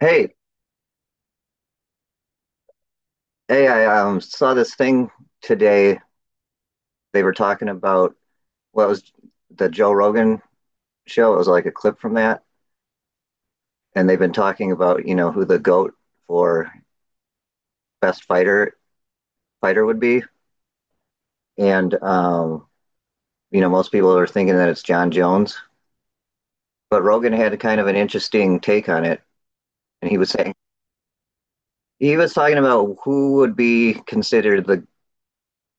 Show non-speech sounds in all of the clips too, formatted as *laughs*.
Hey, hey, I saw this thing today. They were talking about what was the Joe Rogan show. It was like a clip from that, and they've been talking about, you know, who the GOAT for best fighter would be. And um, most people are thinking that it's John Jones, but Rogan had a kind of an interesting take on it, and he was talking about who would be considered the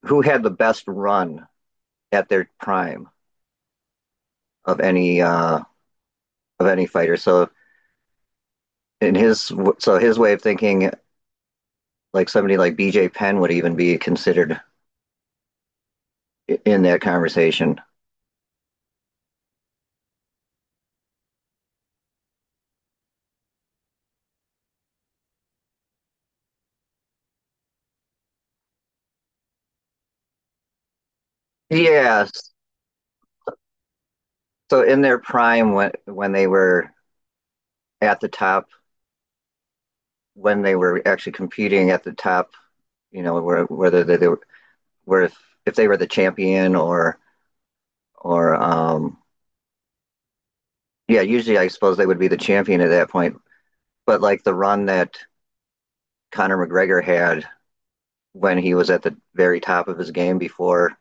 who had the best run at their prime of any uh, of any fighter. In his so his way of thinking, like somebody like BJ Penn would even be considered in that conversation. Yes. So in their prime, when they were at the top, when they were actually competing at the top, you know, where, whether they were, where if they were the champion or, yeah, usually I suppose they would be the champion at that point. But like the run that Conor McGregor had when he was at the very top of his game before,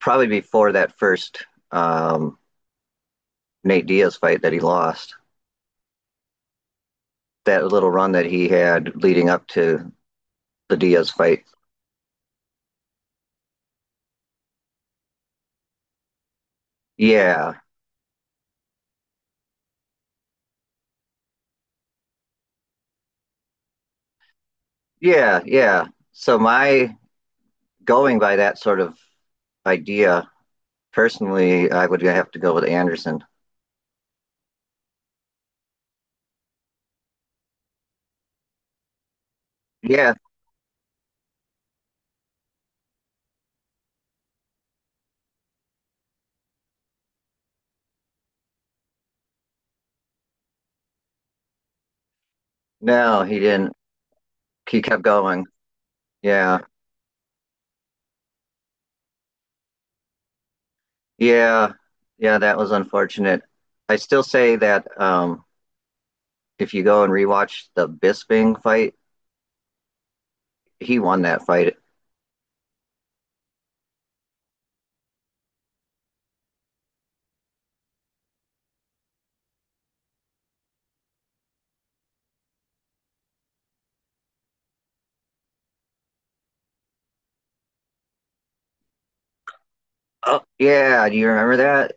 probably before that first um, Nate Diaz fight that he lost. That little run that he had leading up to the Diaz fight. Yeah, yeah, yeah. So my going by that sort of idea, personally, I would have to go with Anderson. Yeah, no, he didn't. He kept going. Yeah, yeah, yeah. That was unfortunate. I still say that if you go and rewatch the Bisping fight, he won that fight. Oh, yeah. Do you remember that?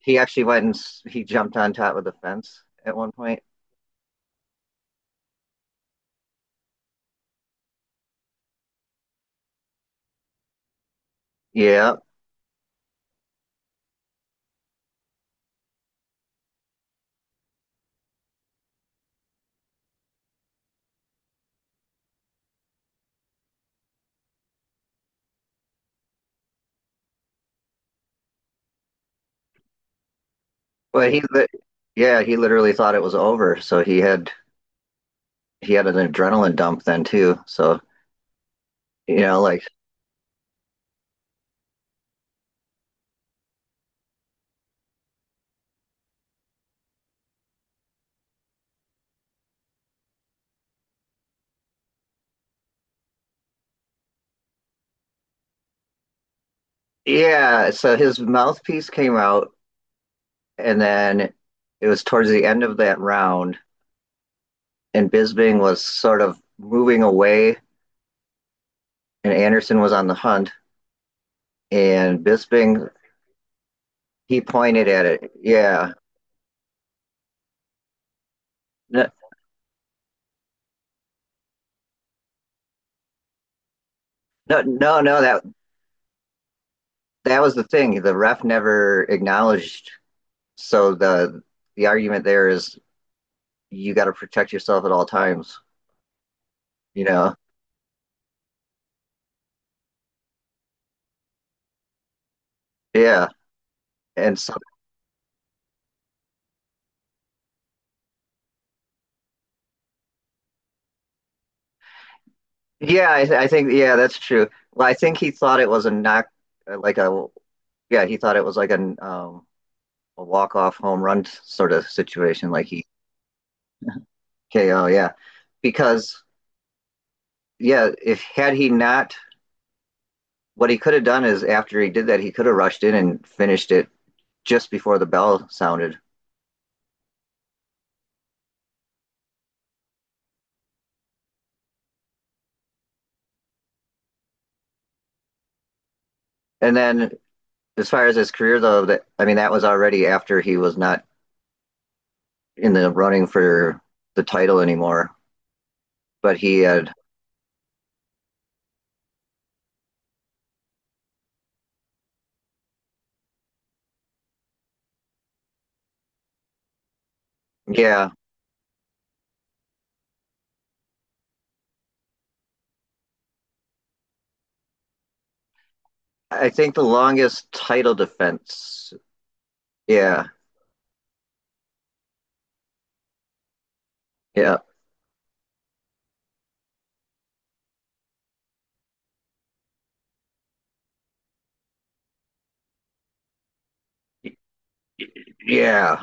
He actually went and he jumped on top of the fence at one point. Yeah, but he, li- yeah, he literally thought it was over. So he had an adrenaline dump then too. So you know, like yeah. So his mouthpiece came out, and then it was towards the end of that round, and Bisbing was sort of moving away, and Anderson was on the hunt, and Bisbing he pointed at it. Yeah. No, no, no, no. That was the thing. The ref never acknowledged. So the argument there is you got to protect yourself at all times, you know? Yeah. And so, yeah, that's true. Well, I think he thought it was a knock, uh, like a, yeah, he thought it was like a walk off home run sort of situation, like he KO, yeah. Because, yeah, if had he not, what he could have done is after he did that, he could have rushed in and finished it just before the bell sounded. And then, as far as his career, though, that I mean, that was already after he was not in the running for the title anymore. But he had, yeah, I think the longest title defense. Yeah, yeah, yeah,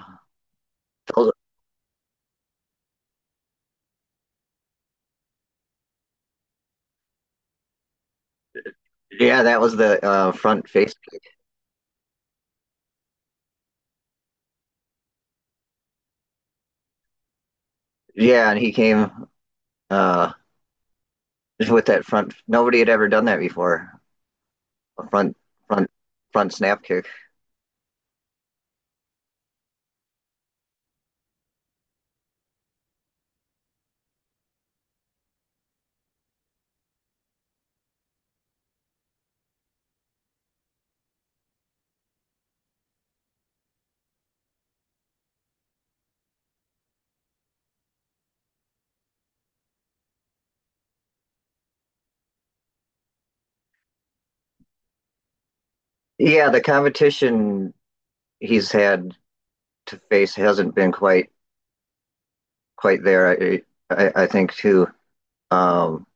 yeah. That was the front face. Yeah, and he came uh, with that front. Nobody had ever done that before. A front, front snap kick. Yeah, the competition he's had to face hasn't been quite there. I think too. Um,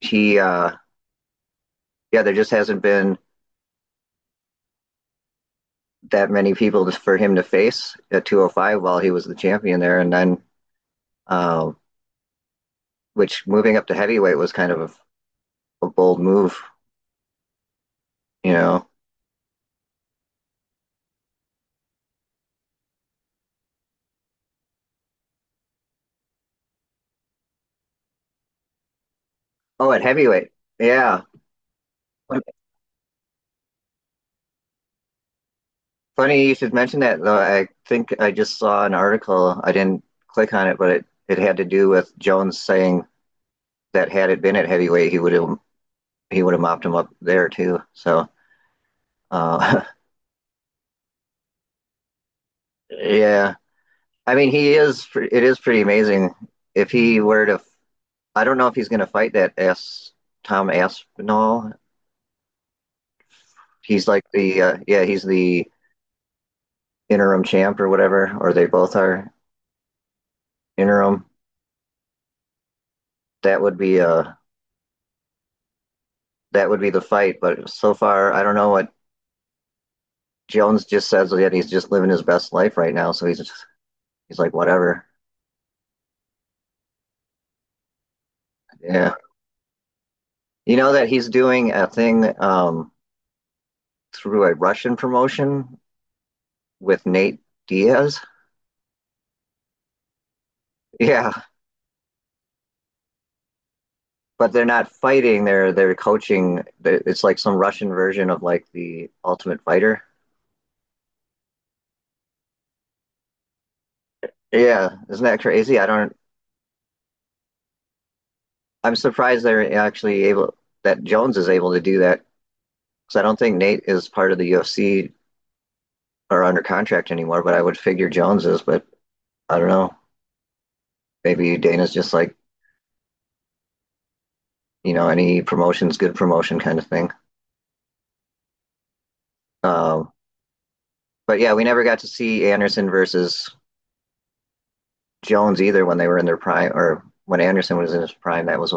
he yeah, there just hasn't been that many people for him to face at 205 while he was the champion there, and then uh, which moving up to heavyweight was kind of a bold move, you know. Oh, at heavyweight, yeah. Funny you should mention that though. I think I just saw an article. I didn't click on it, but it had to do with Jones saying that had it been at heavyweight, he would have mopped him up there too. So uh, *laughs* yeah, I mean he is it is pretty amazing if he were to I don't know if he's going to fight that S Tom Aspinall. He's like the yeah, he's the interim champ or whatever, or they both are interim. That would be uh that would be the fight. But so far, I don't know what. Jones just says that he's just living his best life right now. So he's just, he's like whatever. Yeah, you know that he's doing a thing through a Russian promotion with Nate Diaz. *laughs* Yeah, but they're not fighting. They're coaching. It's like some Russian version of like the Ultimate Fighter. Yeah, isn't that crazy? I don't. I'm surprised they're actually able that Jones is able to do that because I don't think Nate is part of the UFC or under contract anymore. But I would figure Jones is. But I don't know. Maybe Dana's just like you know any promotion's good promotion kind of thing. Um, but yeah, we never got to see Anderson versus Jones either when they were in their prime or when Anderson was in his prime. That was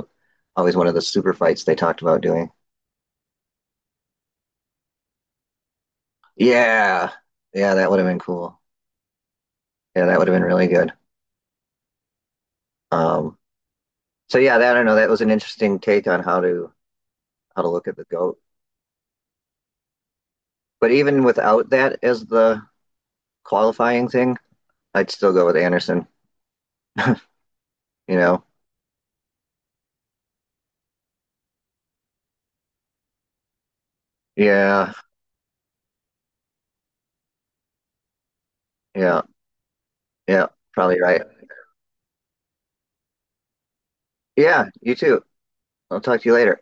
always one of the super fights they talked about doing. Yeah, yeah, that would have been cool. Yeah, that would have been really good. Um, so yeah, I don't know. That was an interesting take on how to look at the goat. But even without that as the qualifying thing, I'd still go with Anderson. *laughs* you know? Yeah, yeah, yeah. Probably right. Yeah, you too. I'll talk to you later.